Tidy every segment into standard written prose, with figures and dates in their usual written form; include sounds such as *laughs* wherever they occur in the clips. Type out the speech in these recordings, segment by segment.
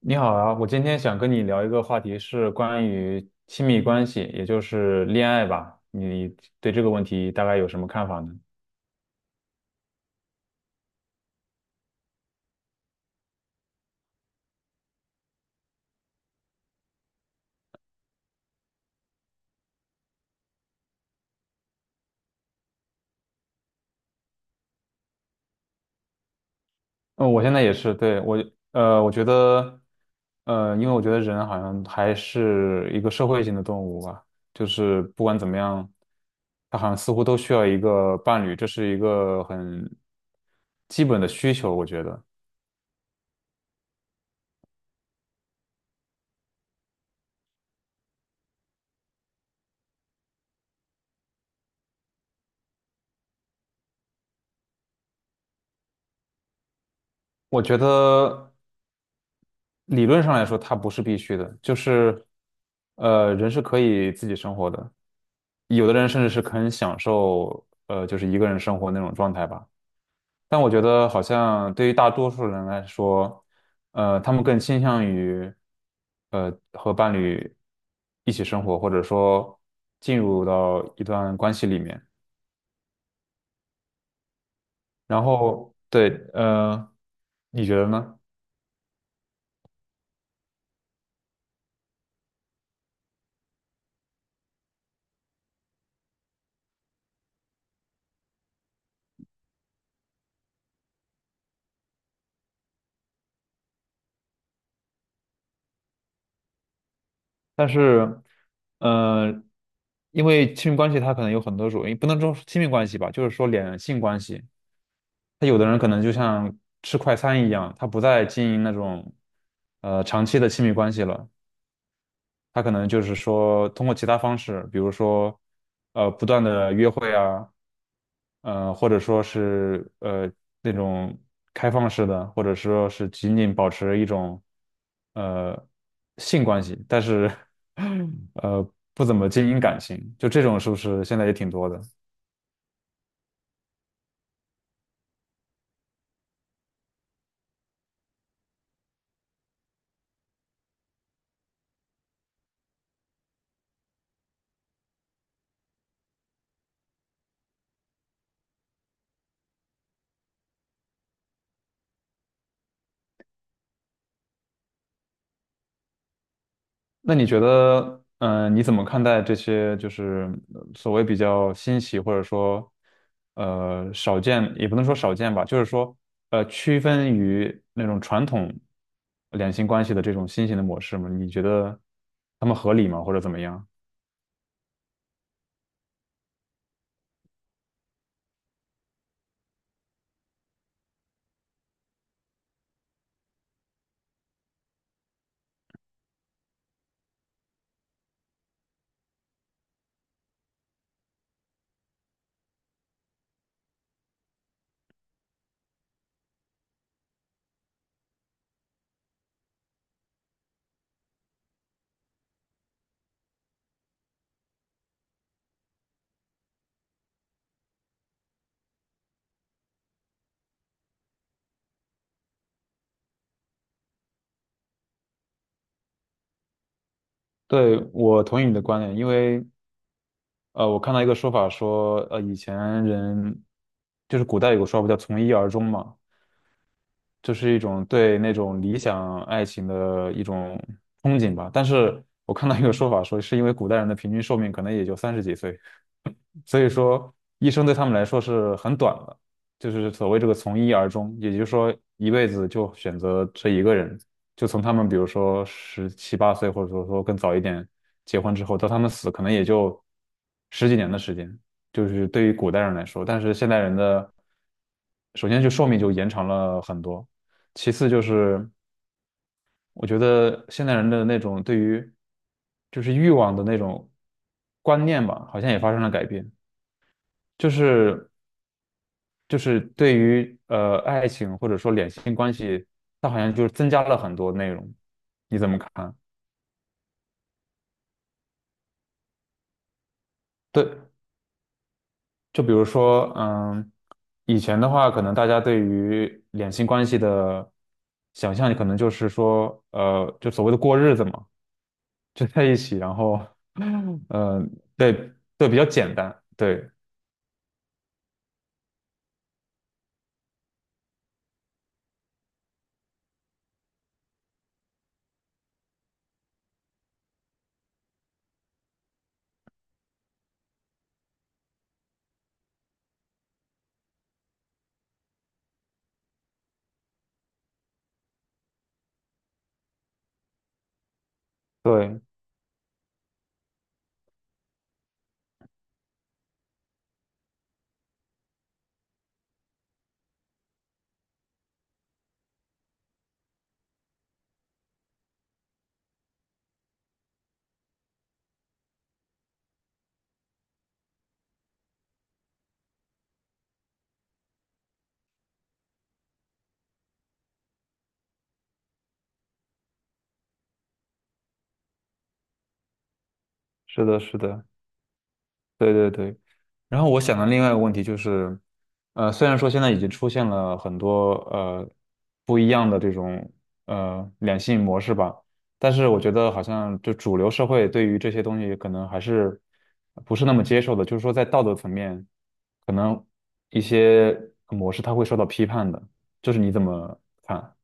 你好啊，我今天想跟你聊一个话题，是关于亲密关系，也就是恋爱吧。你对这个问题大概有什么看法呢？嗯，我现在也是，对，我觉得，因为我觉得人好像还是一个社会性的动物吧，就是不管怎么样，他好像似乎都需要一个伴侣，这是一个很基本的需求，我觉得。我觉得。理论上来说，它不是必须的，人是可以自己生活的，有的人甚至是很享受，就是一个人生活那种状态吧。但我觉得，好像对于大多数人来说，他们更倾向于，和伴侣一起生活，或者说进入到一段关系里面。然后，对，你觉得呢？但是，呃，因为亲密关系它可能有很多种，也不能说是亲密关系吧，就是说两性关系，他有的人可能就像吃快餐一样，他不再经营那种长期的亲密关系了，他可能就是说通过其他方式，比如说不断的约会啊，或者说是那种开放式的，或者说是仅仅保持一种呃性关系，但是 *laughs* 呃不怎么经营感情，就这种是不是现在也挺多的？那你觉得，嗯、你怎么看待这些就是所谓比较新奇或者说，少见，也不能说少见吧，就是说，区分于那种传统两性关系的这种新型的模式吗？你觉得他们合理吗，或者怎么样？对，我同意你的观点，因为我看到一个说法说，以前人就是古代有个说法叫从一而终嘛，就是一种对那种理想爱情的一种憧憬吧。但是我看到一个说法说，是因为古代人的平均寿命可能也就三十几岁。所以说，一生对他们来说是很短的，就是所谓这个从一而终，也就是说一辈子就选择这一个人，就从他们比如说十七八岁，或者说更早一点结婚之后，到他们死可能也就十几年的时间，就是对于古代人来说，但是现代人的首先就寿命就延长了很多，其次就是我觉得现代人的那种对于就是欲望的那种观念吧，好像也发生了改变。就是就是对于爱情或者说两性关系，它好像就是增加了很多内容，你怎么看？对，就比如说，嗯，以前的话，可能大家对于两性关系的想象，可能就是说，就所谓的过日子嘛，就在一起，然后，嗯，呃对对，比较简单，对对，是的，是的。对对对。然后我想的另外一个问题就是，虽然说现在已经出现了很多不一样的这种两性模式吧，但是我觉得好像就主流社会对于这些东西可能还是不是那么接受的，就是说在道德层面，可能一些模式它会受到批判的，就是你怎么看？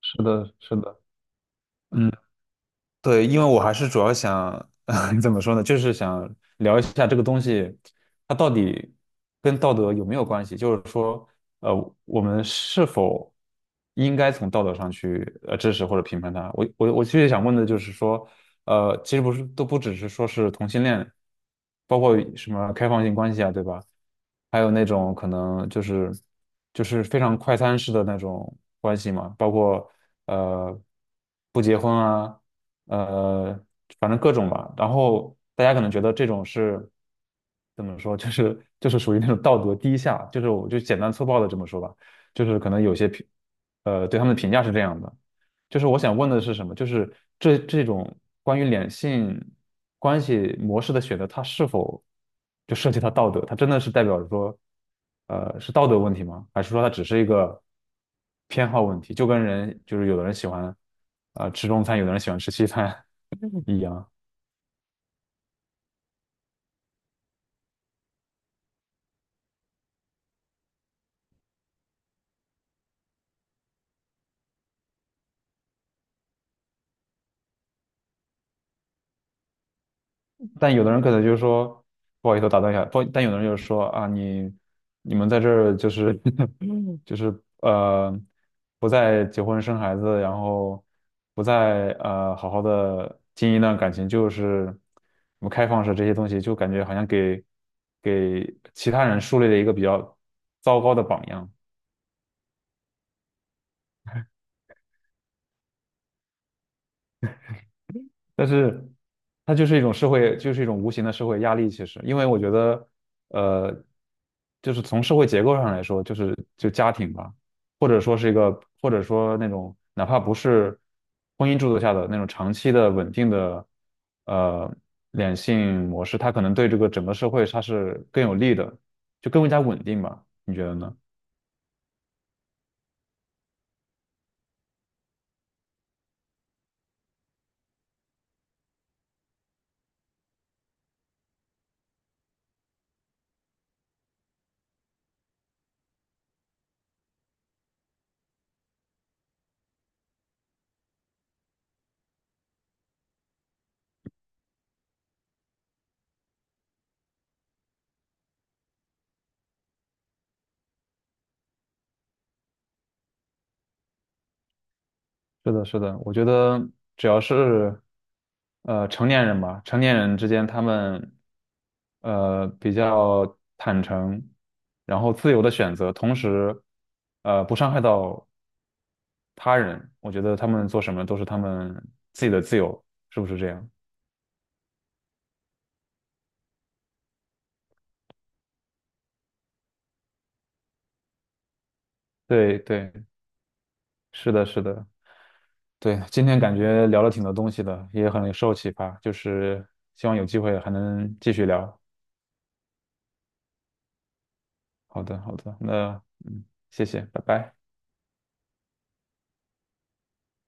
是的，是的。嗯。对，因为我还是主要想，*laughs* 怎么说呢，就是想聊一下这个东西，它到底跟道德有没有关系？就是说，呃，我们是否应该从道德上去支持或者评判它？我其实想问的就是说，其实不是都不只是说是同性恋，包括什么开放性关系啊，对吧？还有那种可能就是非常快餐式的那种关系嘛，包括呃不结婚啊。呃，反正各种吧。然后大家可能觉得这种是怎么说，就是属于那种道德低下，就是我就简单粗暴的这么说吧，就是可能有些评，对他们的评价是这样的。就是我想问的是什么？就是这这种关于两性关系模式的选择，它是否就涉及到道德？它真的是代表着说，是道德问题吗？还是说它只是一个偏好问题？就跟人就是有的人喜欢啊吃中餐，有的人喜欢吃西餐 *laughs* 一样。但有的人可能就是说，不好意思，我打断一下，不，但有的人就是说啊，你你们在这儿就是 *laughs* 就是呃，不再结婚生孩子，然后不再好好的经营一段感情，就是什么开放式这些东西，就感觉好像给其他人树立了一个比较糟糕的榜样。但是它就是一种社会，就是一种无形的社会压力。其实，因为我觉得，呃，就是从社会结构上来说，就家庭吧，或者说是一个，或者说那种哪怕不是婚姻制度下的那种长期的稳定的呃两性模式，它可能对这个整个社会它是更有利的，就更加稳定吧？你觉得呢？是的，是的，我觉得只要是成年人吧，成年人之间他们比较坦诚，然后自由的选择，同时不伤害到他人，我觉得他们做什么都是他们自己的自由，是不是这样？对对，是的，是的，对，今天感觉聊了挺多东西的，也很受启发，就是希望有机会还能继续聊。好的，好的，那嗯，谢谢，拜拜。